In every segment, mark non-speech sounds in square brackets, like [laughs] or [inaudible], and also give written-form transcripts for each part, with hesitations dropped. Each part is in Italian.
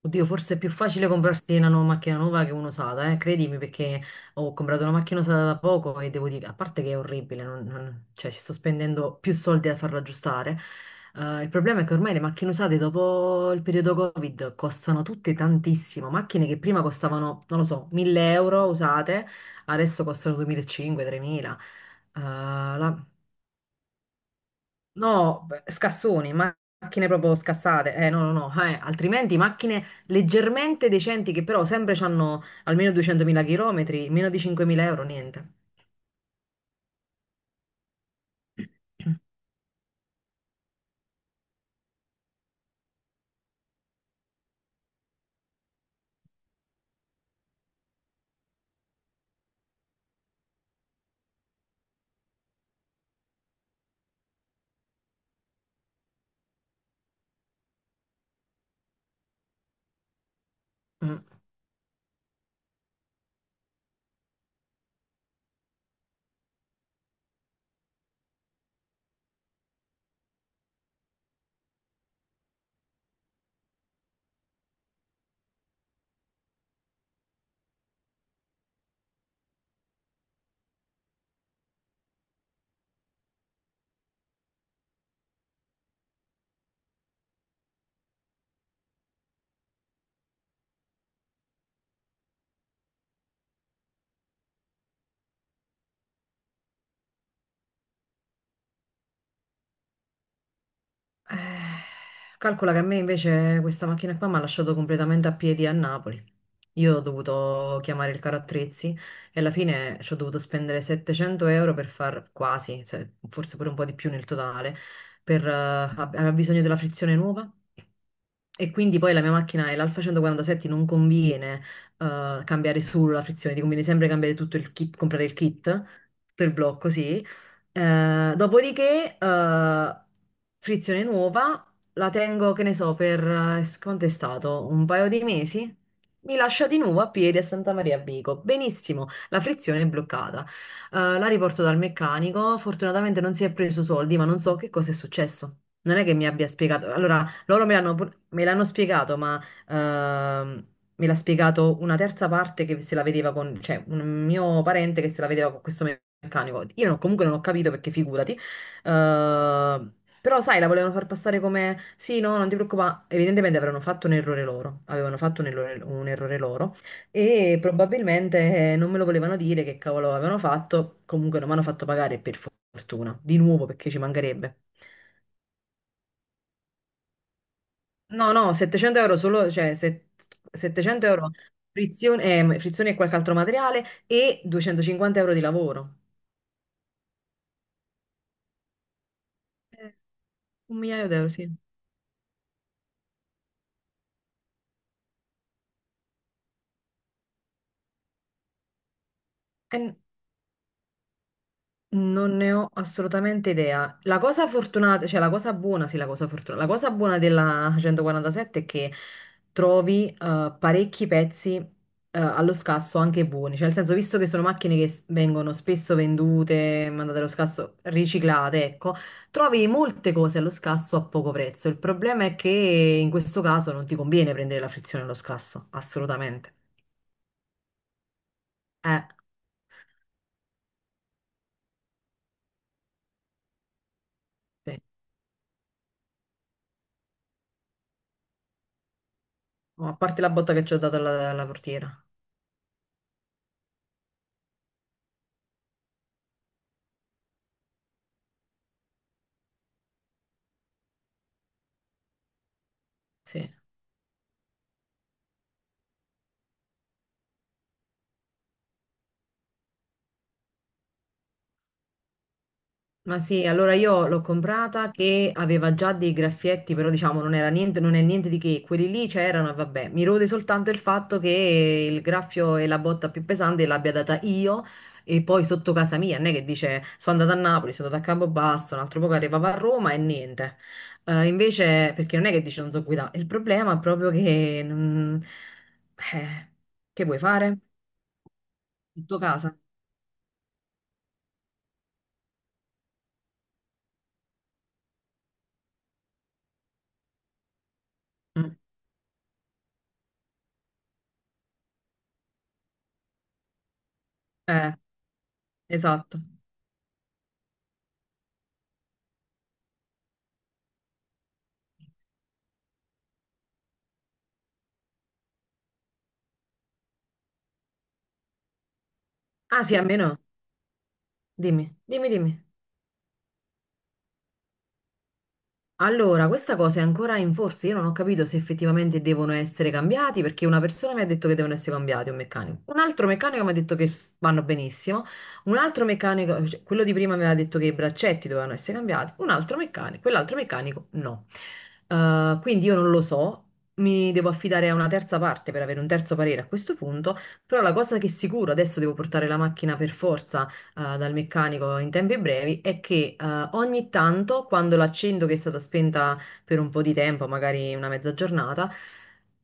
Oddio, forse è più facile comprarsi una nuova macchina nuova che un'usata, eh? Credimi, perché ho comprato una macchina usata da poco e devo dire, a parte che è orribile, ci sto spendendo più soldi a farla aggiustare. Il problema è che ormai le macchine usate dopo il periodo Covid costano tutte tantissimo. Macchine che prima costavano, non lo so, 1000 euro usate, adesso costano 2500-3000. No, beh, scassoni, macchine proprio scassate. No, no, no, altrimenti macchine leggermente decenti che però sempre hanno almeno 200.000 km, meno di 5.000 euro, niente. [clears throat] Mm. Eh, calcola che a me invece questa macchina qua mi ha lasciato completamente a piedi a Napoli. Io ho dovuto chiamare il caro attrezzi e alla fine ci ho dovuto spendere 700 euro per far quasi, forse pure un po' di più nel totale, per, aveva bisogno della frizione nuova. E quindi poi la mia macchina è l'Alfa 147, non conviene cambiare solo la frizione, ti conviene sempre cambiare tutto il kit, comprare il kit per blocco, sì. Dopodiché, frizione nuova, la tengo, che ne so, per quanto è stato? Un paio di mesi? Mi lascia di nuovo a piedi a Santa Maria a Vico. Benissimo, la frizione è bloccata. La riporto dal meccanico. Fortunatamente non si è preso soldi, ma non so che cosa è successo. Non è che mi abbia spiegato. Allora, loro me l'hanno spiegato, ma ehm, me l'ha spiegato una terza parte che se la vedeva con, cioè un mio parente che se la vedeva con questo meccanico. Io non- comunque non ho capito perché figurati. Eh, però sai, la volevano far passare come sì, no, non ti preoccupare. Evidentemente avevano fatto un errore loro, avevano fatto un errore loro e probabilmente non me lo volevano dire che cavolo avevano fatto. Comunque non mi hanno fatto pagare per fortuna, di nuovo perché ci mancherebbe. No, no, 700 euro solo, 700 euro frizione, frizione e qualche altro materiale e 250 euro di lavoro. Eh, Un migliaio di euro, sì. Eh, Non ne ho assolutamente idea. La cosa fortunata, cioè la cosa buona, sì, la cosa fortunata, la cosa buona della 147 è che trovi parecchi pezzi allo scasso anche buoni, cioè nel senso, visto che sono macchine che vengono spesso vendute, mandate allo scasso, riciclate, ecco, trovi molte cose allo scasso a poco prezzo. Il problema è che in questo caso non ti conviene prendere la frizione allo scasso, assolutamente. Eh, sì. Oh, a parte la botta che ci ho dato alla portiera, sì. Ma sì, allora io l'ho comprata che aveva già dei graffietti, però diciamo non era niente, non è niente di che, quelli lì c'erano e vabbè, mi rode soltanto il fatto che il graffio e la botta più pesante l'abbia data io e poi sotto casa mia, non è che dice sono andata a Napoli, sono andata a Campobasso, un altro poco arrivava a Roma e niente. Invece, perché non è che dice non so guidare, il problema è proprio che... eh, che vuoi fare? Il tuo casa? Mm. Eh, esatto. Ah sì, a me no, dimmi, dimmi, dimmi. Allora, questa cosa è ancora in forza. Io non ho capito se effettivamente devono essere cambiati, perché una persona mi ha detto che devono essere cambiati, un meccanico. Un altro meccanico mi ha detto che vanno benissimo. Un altro meccanico, cioè, quello di prima mi aveva detto che i braccetti dovevano essere cambiati. Un altro meccanico, quell'altro meccanico no. Quindi io non lo so. Mi devo affidare a una terza parte per avere un terzo parere a questo punto, però la cosa che è sicuro, adesso devo portare la macchina per forza dal meccanico in tempi brevi è che ogni tanto quando l'accendo che è stata spenta per un po' di tempo, magari una mezza giornata,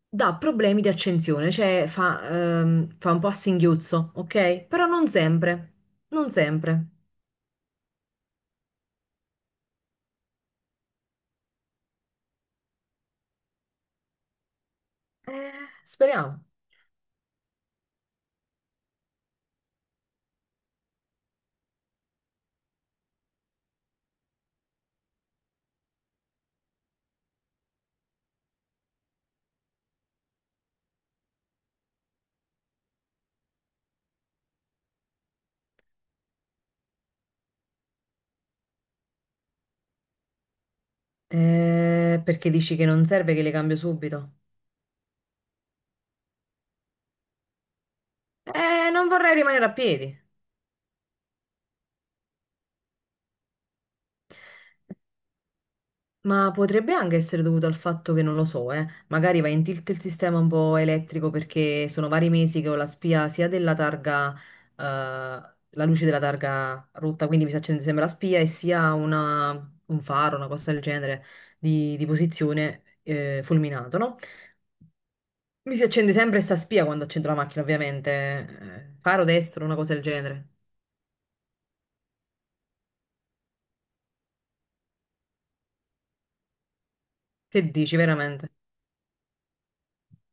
dà problemi di accensione, cioè fa, fa un po' a singhiozzo, ok? Però non sempre, non sempre. Eh, speriamo. Perché dici che non serve che le cambio subito? Non vorrei rimanere a piedi. Ma potrebbe anche essere dovuto al fatto che non lo so, magari va in tilt il sistema un po' elettrico perché sono vari mesi che ho la spia sia della targa, la luce della targa rotta, quindi mi sta accendendo sempre la spia e sia un faro, una cosa del genere di posizione fulminato, no? Mi si accende sempre sta spia quando accendo la macchina, ovviamente. Faro destro, una cosa del genere. Che dici, veramente?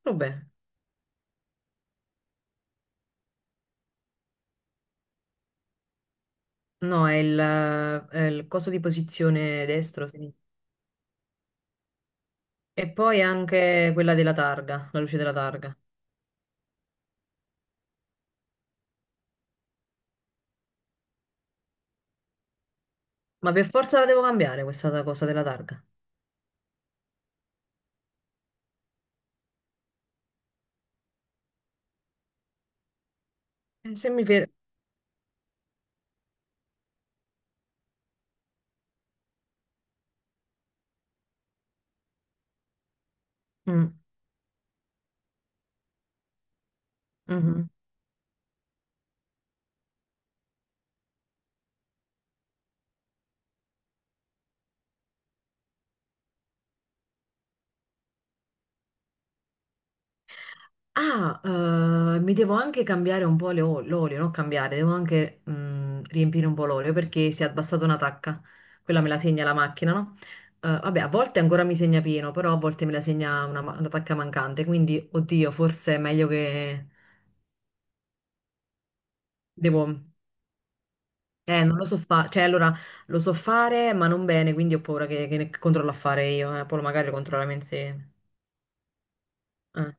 Vabbè. No, è è il coso di posizione destro, sì. E poi anche quella della targa, la luce della targa. Ma per forza la devo cambiare questa cosa della targa. Se mi fer- Mm, mhm. Mi devo anche cambiare un po' l'olio, non cambiare, devo anche riempire un po' l'olio perché si è abbassata una tacca. Quella me la segna la macchina, no? Vabbè, a volte ancora mi segna pieno, però a volte me la segna una, una tacca mancante. Quindi, oddio, forse è meglio che devo. Non lo so fare, cioè allora lo so fare, ma non bene, quindi ho paura che ne controllo a fare io, eh. Poi magari lo controlliamo insieme. Eh.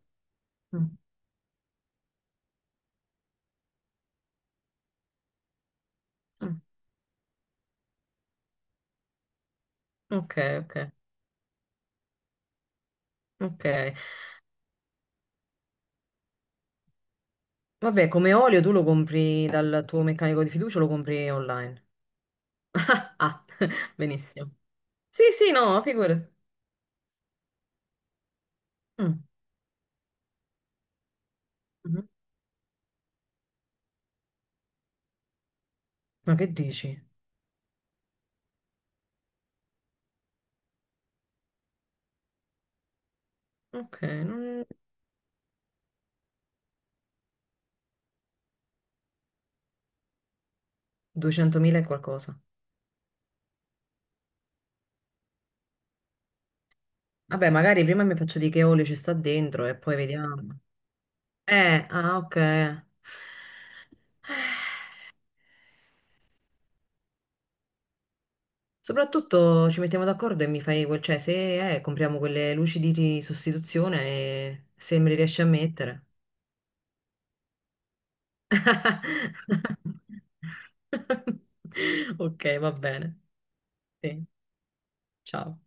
Mm, mm. Ok, ok, ok. Vabbè, come olio tu lo compri dal tuo meccanico di fiducia o lo compri online? [laughs] Ah, [laughs] benissimo. Sì, sì, no, figurati. Mm, mhm. Ma che dici? Ok, non- 200.000 e qualcosa. Vabbè, magari prima mi faccio di che olio ci sta dentro e poi vediamo. Ah, ok. Soprattutto ci mettiamo d'accordo e mi fai quel, cioè se compriamo quelle luci di sostituzione e se me le riesci a mettere. [laughs] Ok, va bene. Sì, ciao.